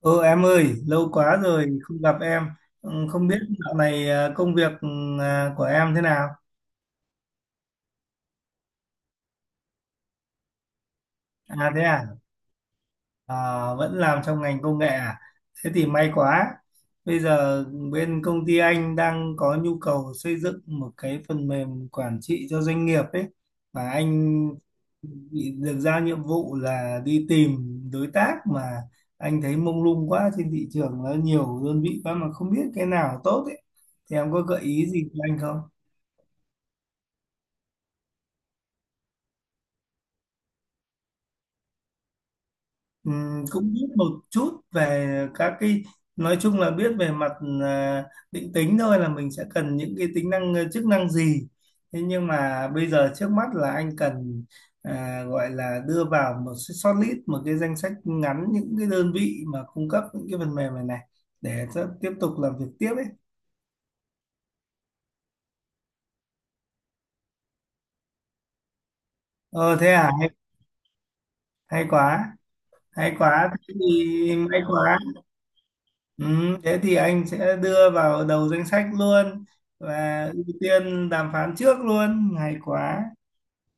Ừ, em ơi, lâu quá rồi không gặp em. Không biết dạo này công việc của em thế nào? À, thế à? À, vẫn làm trong ngành công nghệ à? Thế thì may quá. Bây giờ bên công ty anh đang có nhu cầu xây dựng một cái phần mềm quản trị cho doanh nghiệp ấy. Và anh bị được giao nhiệm vụ là đi tìm đối tác, mà anh thấy mông lung quá, trên thị trường nó nhiều đơn vị quá mà không biết cái nào tốt ấy. Thì em có gợi ý gì cho anh không? Cũng biết một chút về các cái, nói chung là biết về mặt à, định tính thôi, là mình sẽ cần những cái tính năng, chức năng gì. Thế nhưng mà bây giờ trước mắt là anh cần, gọi là đưa vào một cái shortlist, một cái danh sách ngắn những cái đơn vị mà cung cấp những cái phần mềm này này, để cho tiếp tục làm việc tiếp ấy. Ờ Thế à? Hay, hay quá, hay quá, thế thì may quá. Ừ, thế thì anh sẽ đưa vào đầu danh sách luôn và ưu tiên đàm phán trước luôn, hay quá.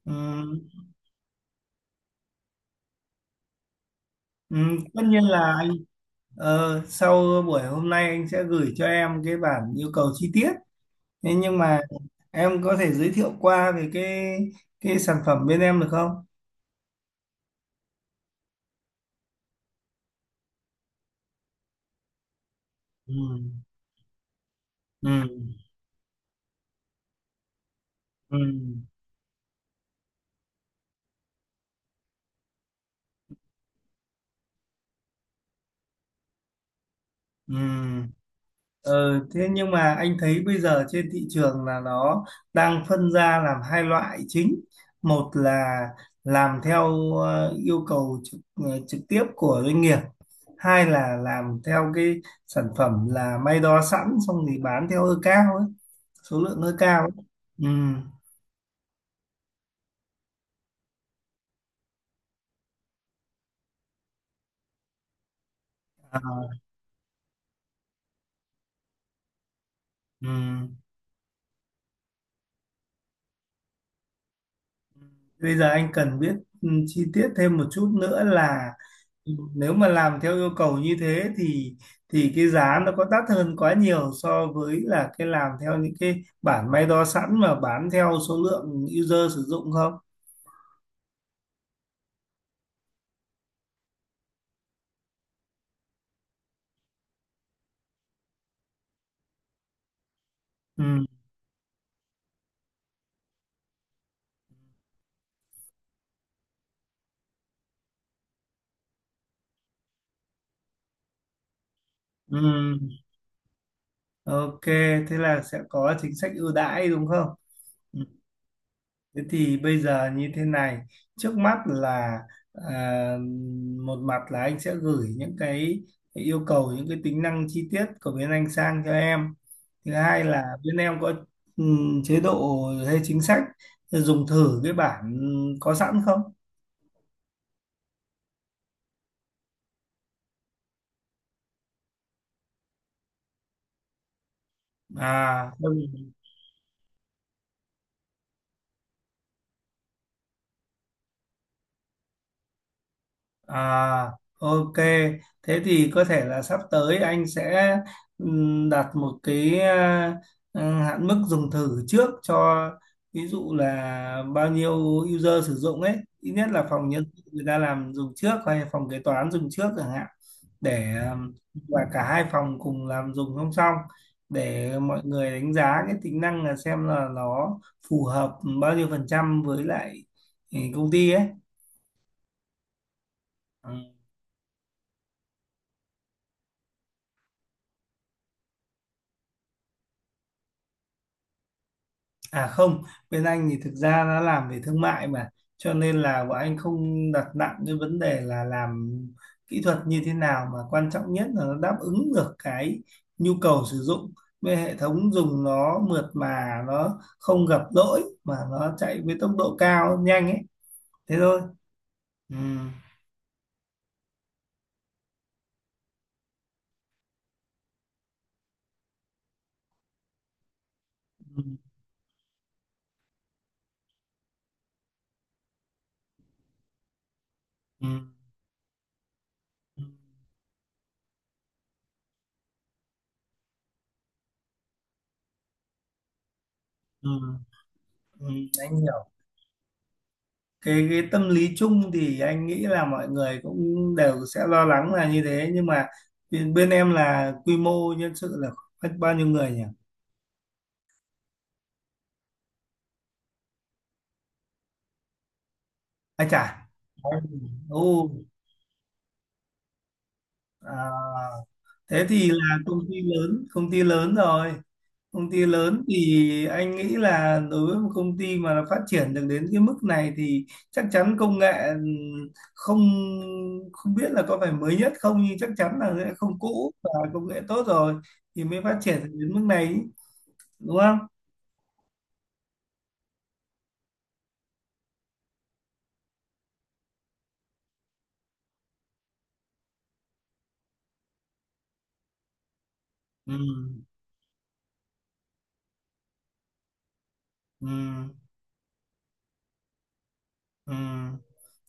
Ừ, ừ, tất nhiên là anh, sau buổi hôm nay anh sẽ gửi cho em cái bản yêu cầu chi tiết. Thế nhưng mà em có thể giới thiệu qua về cái sản phẩm bên em được không? Ừ, ừ, ừ, ừ. Ờ, thế nhưng mà anh thấy bây giờ trên thị trường là nó đang phân ra làm hai loại chính. Một là làm theo yêu cầu trực tiếp của doanh nghiệp, hai là làm theo cái sản phẩm là may đo sẵn xong thì bán theo cao ấy, số lượng cao ấy. Ừ. À, ừ. Bây giờ anh cần biết chi tiết thêm một chút nữa là, nếu mà làm theo yêu cầu như thế thì cái giá nó có đắt hơn quá nhiều so với là cái làm theo những cái bản may đo sẵn mà bán theo số lượng user sử dụng không? Ừ, ừ, ok, thế là sẽ có chính sách ưu đãi đúng không? Ừ. Thế thì bây giờ như thế này, trước mắt là, à, một mặt là anh sẽ gửi những cái yêu cầu, những cái tính năng chi tiết của bên anh sang cho em. Thứ hai, Dạ, là bên em có chế độ hay chính sách dùng thử cái bản có sẵn không? À, không. À, ok. Thế thì có thể là sắp tới anh sẽ đặt một cái hạn mức dùng thử trước cho, ví dụ là bao nhiêu user sử dụng ấy, ít nhất là phòng nhân sự người ta làm dùng trước hay phòng kế toán dùng trước chẳng hạn, để và cả hai phòng cùng làm dùng song song, để mọi người đánh giá cái tính năng, là xem là nó phù hợp bao nhiêu phần trăm với lại công ty ấy. Ừ. À không, bên anh thì thực ra đã làm về thương mại mà, cho nên là bọn anh không đặt nặng cái vấn đề là làm kỹ thuật như thế nào, mà quan trọng nhất là nó đáp ứng được cái nhu cầu sử dụng, với hệ thống dùng nó mượt, mà nó không gặp lỗi, mà nó chạy với tốc độ cao nhanh ấy, thế thôi. Ừ. Ừ. Ừ. Ừ. Ừ. Anh hiểu. Cái tâm lý chung thì anh nghĩ là mọi người cũng đều sẽ lo lắng là như thế, nhưng mà bên em là quy mô nhân sự là khoảng bao nhiêu người nhỉ? Ai chả? Ồ, à, thế thì là công ty lớn rồi. Công ty lớn thì anh nghĩ là đối với một công ty mà nó phát triển được đến cái mức này thì chắc chắn công nghệ, ừ, không không biết là có phải mới nhất không, nhưng chắc chắn là sẽ không cũ và công nghệ tốt rồi thì mới phát triển được đến mức này, đúng không? Ừ. Ừ. Ừ.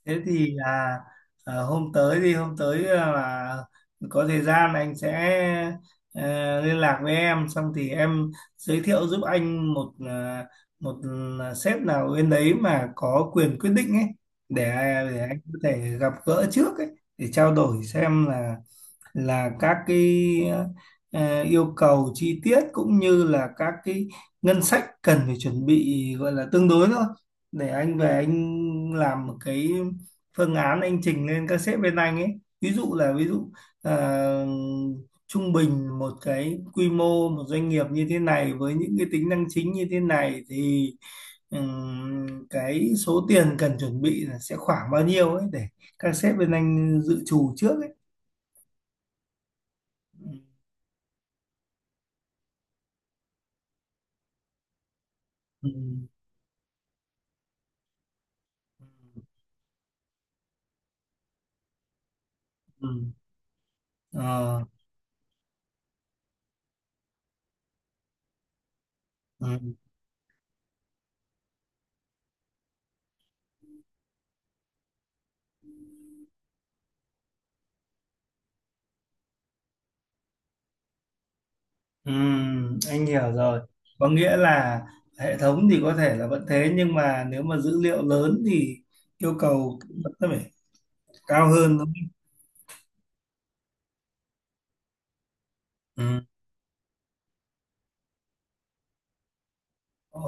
Thế thì là hôm tới, thì hôm tới là có thời gian anh sẽ ờ, liên lạc với em, xong thì em giới thiệu giúp anh một sếp nào bên đấy mà có quyền quyết định ấy, để để anh có thể gặp gỡ trước ấy, để trao đổi xem là các cái yêu cầu chi tiết, cũng như là các cái ngân sách cần phải chuẩn bị, gọi là tương đối thôi, để anh về anh làm một cái phương án anh trình lên các sếp bên anh ấy. Ví dụ là ờ, trung bình một cái quy mô một doanh nghiệp như thế này với những cái tính năng chính như thế này thì cái số tiền cần chuẩn bị là sẽ khoảng bao nhiêu ấy, để các sếp bên anh dự trù trước ấy. Ừ, ừ, ờ, ừ, ừ, anh hiểu rồi. Có nghĩa là hệ thống thì có thể là vẫn thế, nhưng mà nếu mà dữ liệu lớn thì yêu cầu vẫn phải cao hơn, đúng không? Ừ. Ờ,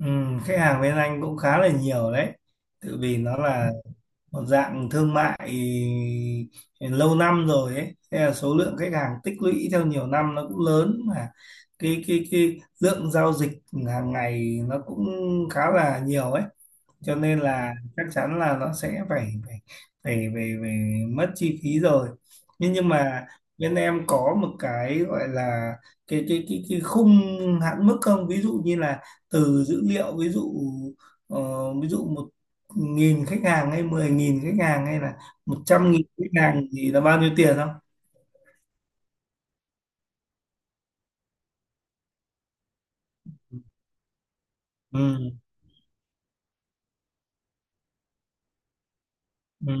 ừ, khách hàng bên anh cũng khá là nhiều đấy, tự vì nó là một dạng thương mại lâu năm rồi ấy, thế là số lượng khách hàng tích lũy theo nhiều năm nó cũng lớn, mà cái lượng giao dịch hàng ngày nó cũng khá là nhiều ấy, cho nên là chắc chắn là nó sẽ phải phải phải, phải, phải mất chi phí rồi. Nhưng mà bên em có một cái gọi là cái khung hạn mức không, ví dụ như là từ dữ liệu, ví dụ ờ, ví dụ 1.000 khách hàng hay 10.000 khách hàng hay là 100.000 khách hàng thì là bao nhiêu tiền không? Ừ, ừ,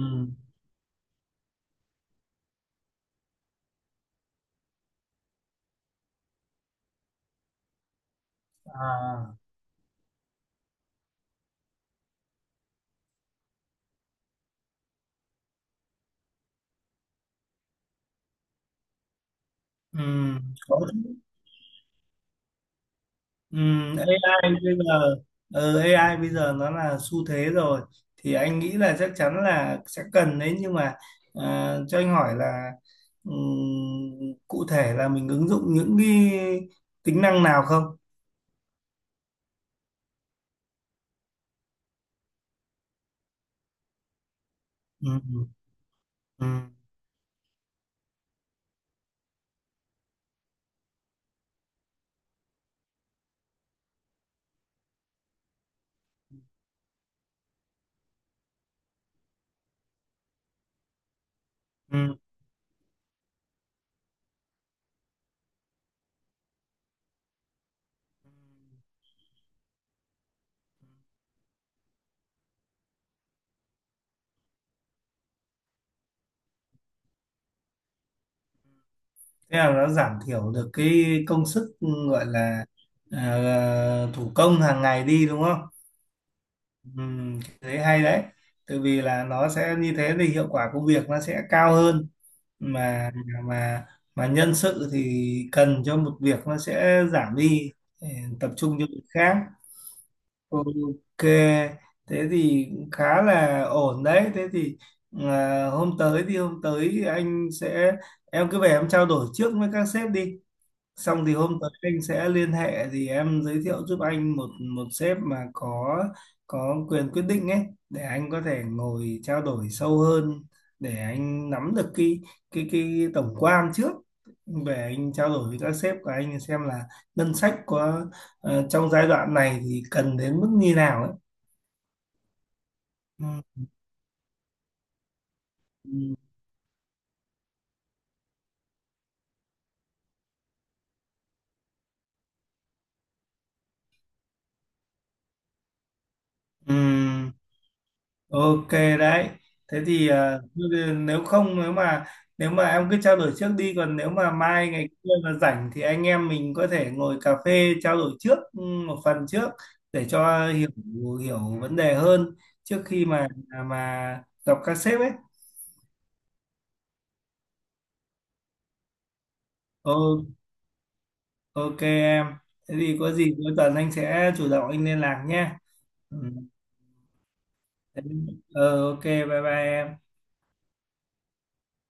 à, ừ, có. Ừ, AI bây giờ, AI bây giờ nó là xu thế rồi, thì anh nghĩ là chắc chắn là sẽ cần đấy, nhưng mà cho anh hỏi là, cụ thể là mình ứng dụng những cái tính năng nào không? Ừ, ừ, ừ. Ừ. Thế là nó giảm thiểu được cái công sức, gọi là thủ công hàng ngày đi, đúng không? Ừ, thế hay đấy. Tại vì là nó sẽ như thế thì hiệu quả công việc nó sẽ cao hơn, mà mà mà nhân sự thì cần cho một việc nó sẽ giảm đi, để tập trung cho việc khác. Ok, thế thì khá là ổn đấy, thế thì hôm tới, thì hôm tới anh sẽ, em cứ về em trao đổi trước với các sếp đi, xong thì hôm tới anh sẽ liên hệ, thì em giới thiệu giúp anh một một sếp mà có quyền quyết định ấy, để anh có thể ngồi trao đổi sâu hơn, để anh nắm được cái tổng quan trước, về anh trao đổi với các sếp của anh xem là ngân sách có, trong giai đoạn này thì cần đến mức như nào ấy. Ừ. Ừ. Ok đấy. Thế thì, nếu không, nếu mà em cứ trao đổi trước đi, còn nếu mà mai ngày kia mà rảnh thì anh em mình có thể ngồi cà phê trao đổi trước một phần trước, để cho hiểu hiểu vấn đề hơn, trước khi mà gặp các sếp ấy. Ô, ok em. Thế thì có gì cuối tuần anh sẽ chủ động anh liên lạc nhé. Ừ. Thế- Ờ, ok, bye bye em.